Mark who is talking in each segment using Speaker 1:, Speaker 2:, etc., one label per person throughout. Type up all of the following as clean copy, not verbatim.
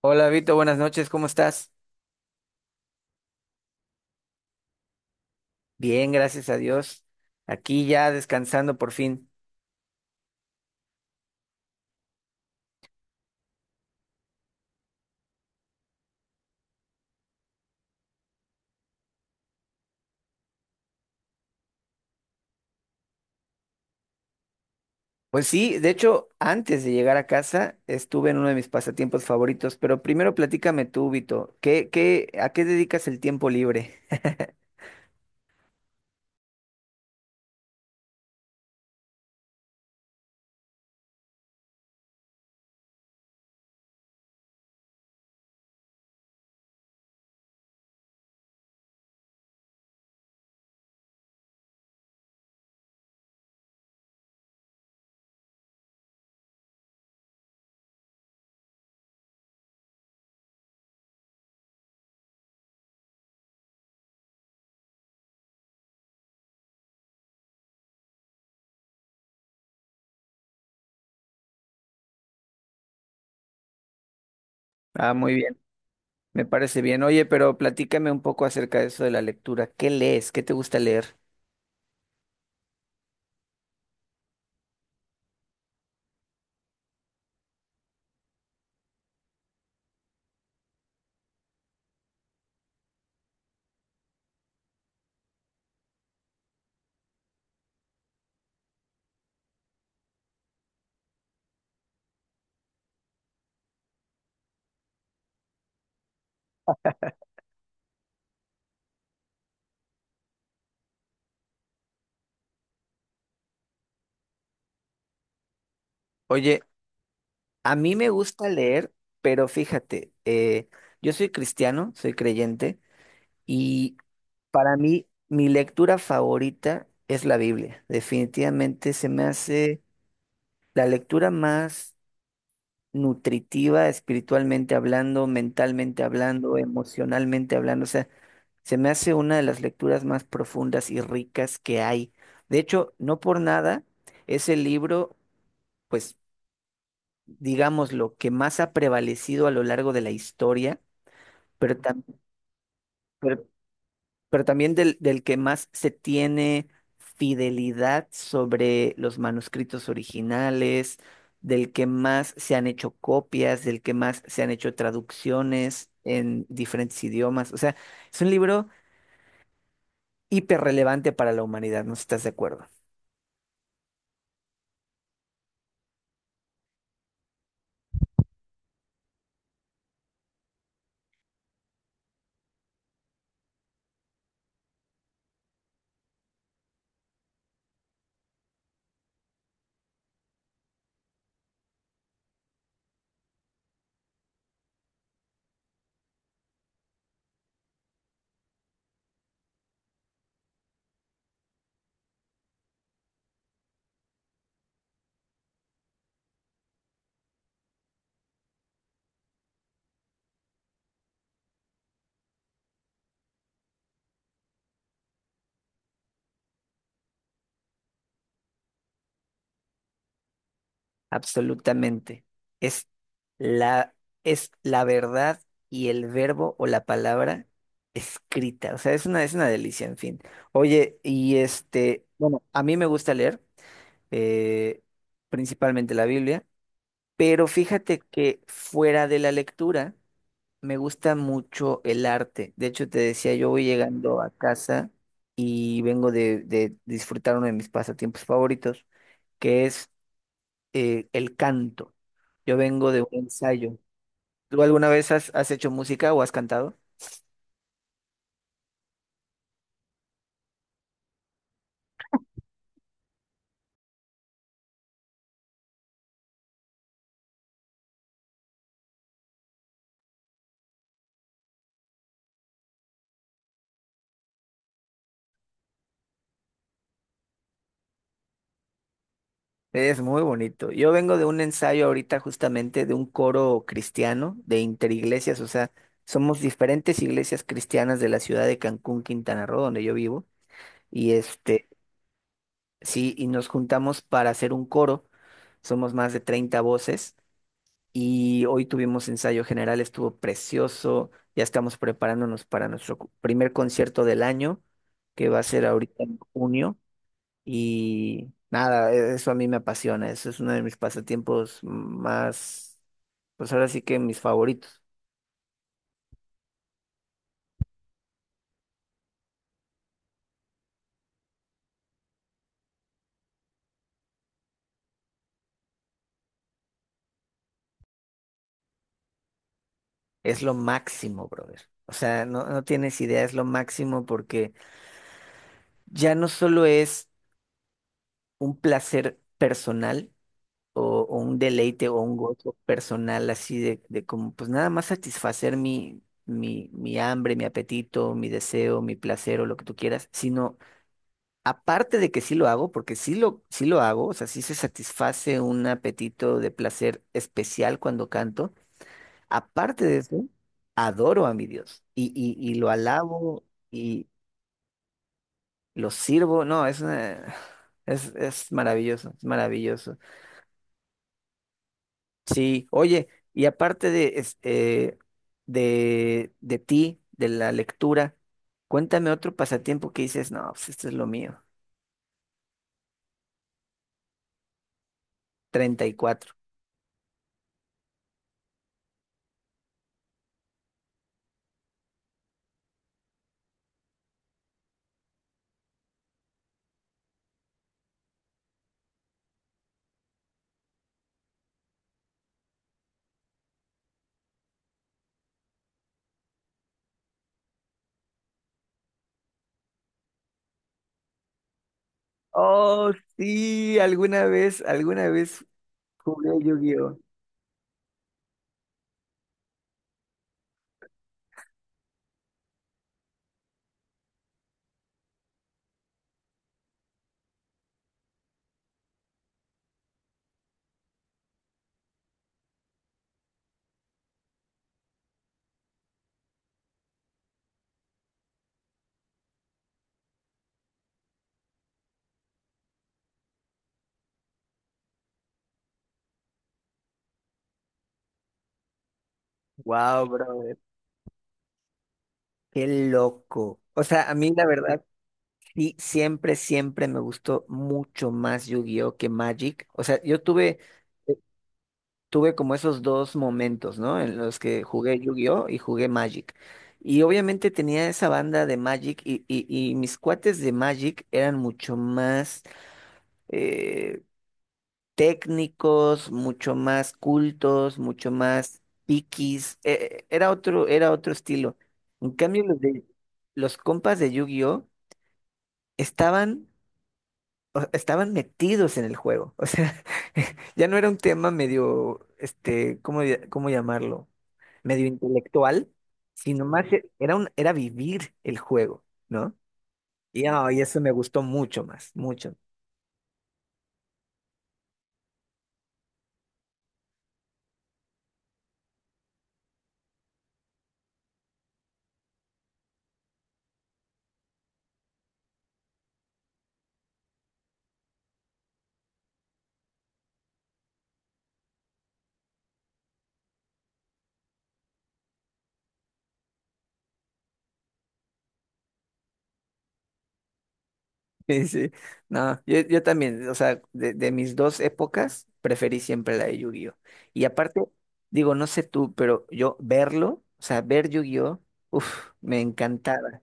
Speaker 1: Hola Vito, buenas noches, ¿cómo estás? Bien, gracias a Dios. Aquí ya descansando por fin. Pues sí, de hecho, antes de llegar a casa estuve en uno de mis pasatiempos favoritos, pero primero platícame tú, Vito, ¿a qué dedicas el tiempo libre? Ah, muy bien, me parece bien. Oye, pero platícame un poco acerca de eso de la lectura. ¿Qué lees? ¿Qué te gusta leer? Oye, a mí me gusta leer, pero fíjate, yo soy cristiano, soy creyente, y para mí, mi lectura favorita es la Biblia. Definitivamente se me hace la lectura más nutritiva, espiritualmente hablando, mentalmente hablando, emocionalmente hablando. O sea, se me hace una de las lecturas más profundas y ricas que hay. De hecho, no por nada, es el libro, pues, digamos, lo que más ha prevalecido a lo largo de la historia, pero, pero también del que más se tiene fidelidad sobre los manuscritos originales, del que más se han hecho copias, del que más se han hecho traducciones en diferentes idiomas. O sea, es un libro hiperrelevante para la humanidad, ¿no estás de acuerdo? Absolutamente. Es la, es la verdad y el verbo o la palabra escrita. O sea, es una delicia, en fin. Oye, y este, bueno, a mí me gusta leer, eh, principalmente la Biblia, pero fíjate que fuera de la lectura me gusta mucho el arte. De hecho, te decía, yo voy llegando a casa y vengo de disfrutar uno de mis pasatiempos favoritos, que es el canto. Yo vengo de un ensayo. ¿Tú alguna vez has hecho música o has cantado? Es muy bonito. Yo vengo de un ensayo ahorita justamente de un coro cristiano de interiglesias, o sea, somos diferentes iglesias cristianas de la ciudad de Cancún, Quintana Roo, donde yo vivo, y este, sí, y nos juntamos para hacer un coro, somos más de 30 voces, y hoy tuvimos ensayo general, estuvo precioso, ya estamos preparándonos para nuestro primer concierto del año, que va a ser ahorita en junio, y nada, eso a mí me apasiona, eso es uno de mis pasatiempos más, pues ahora sí que mis favoritos. Es lo máximo, brother. O sea, no, no tienes idea, es lo máximo porque ya no solo es un placer personal o un deleite o un gozo personal así pues nada más satisfacer mi hambre, mi apetito, mi deseo, mi placer o lo que tú quieras, sino aparte de que sí lo hago, porque sí lo hago, o sea, sí se satisface un apetito de placer especial cuando canto. Aparte de eso, adoro a mi Dios y lo alabo y lo sirvo. No, es maravilloso, es maravilloso. Sí, oye, y aparte de, este, de ti, de la lectura, cuéntame otro pasatiempo que dices, no, pues esto es lo mío. 34. Oh, sí, alguna vez jugué Yu-Gi-Oh. Wow, brother, qué loco. O sea, a mí la verdad, sí, siempre, siempre me gustó mucho más Yu-Gi-Oh que Magic. O sea, yo tuve, eh, tuve como esos dos momentos, ¿no? En los que jugué Yu-Gi-Oh y jugué Magic. Y obviamente tenía esa banda de Magic y mis cuates de Magic eran mucho más eh, técnicos, mucho más cultos, mucho más piquis. Era otro estilo. En cambio, los compas de Yu-Gi-Oh! Estaban, estaban metidos en el juego. O sea, ya no era un tema medio, este, ¿cómo llamarlo? Medio intelectual, sino más era vivir el juego, ¿no? Y, ah, y eso me gustó mucho más, mucho. Sí, sí. No, yo también, o sea, de mis dos épocas, preferí siempre la de Yu-Gi-Oh! Y aparte, digo, no sé tú, pero yo verlo, o sea, ver Yu-Gi-Oh! Uf, me encantaba.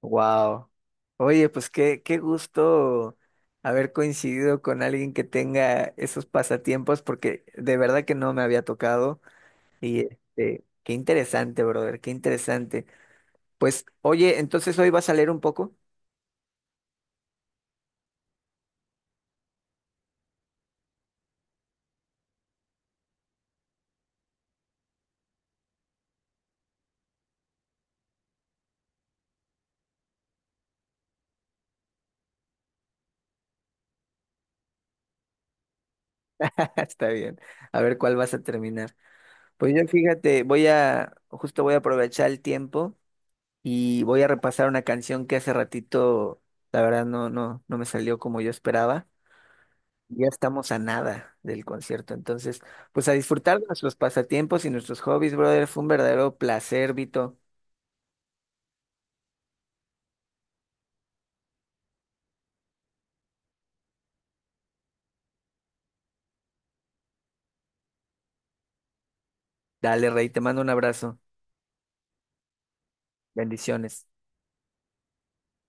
Speaker 1: Wow. Oye, pues qué gusto haber coincidido con alguien que tenga esos pasatiempos, porque de verdad que no me había tocado. Y este, qué interesante, brother, qué interesante. Pues, oye, entonces hoy vas a leer un poco. Está bien. A ver cuál vas a terminar. Pues yo fíjate, justo voy a aprovechar el tiempo y voy a repasar una canción que hace ratito, la verdad, no me salió como yo esperaba. Ya estamos a nada del concierto, entonces, pues a disfrutar de nuestros pasatiempos y nuestros hobbies, brother. Fue un verdadero placer, Vito. Dale, Rey, te mando un abrazo. Bendiciones.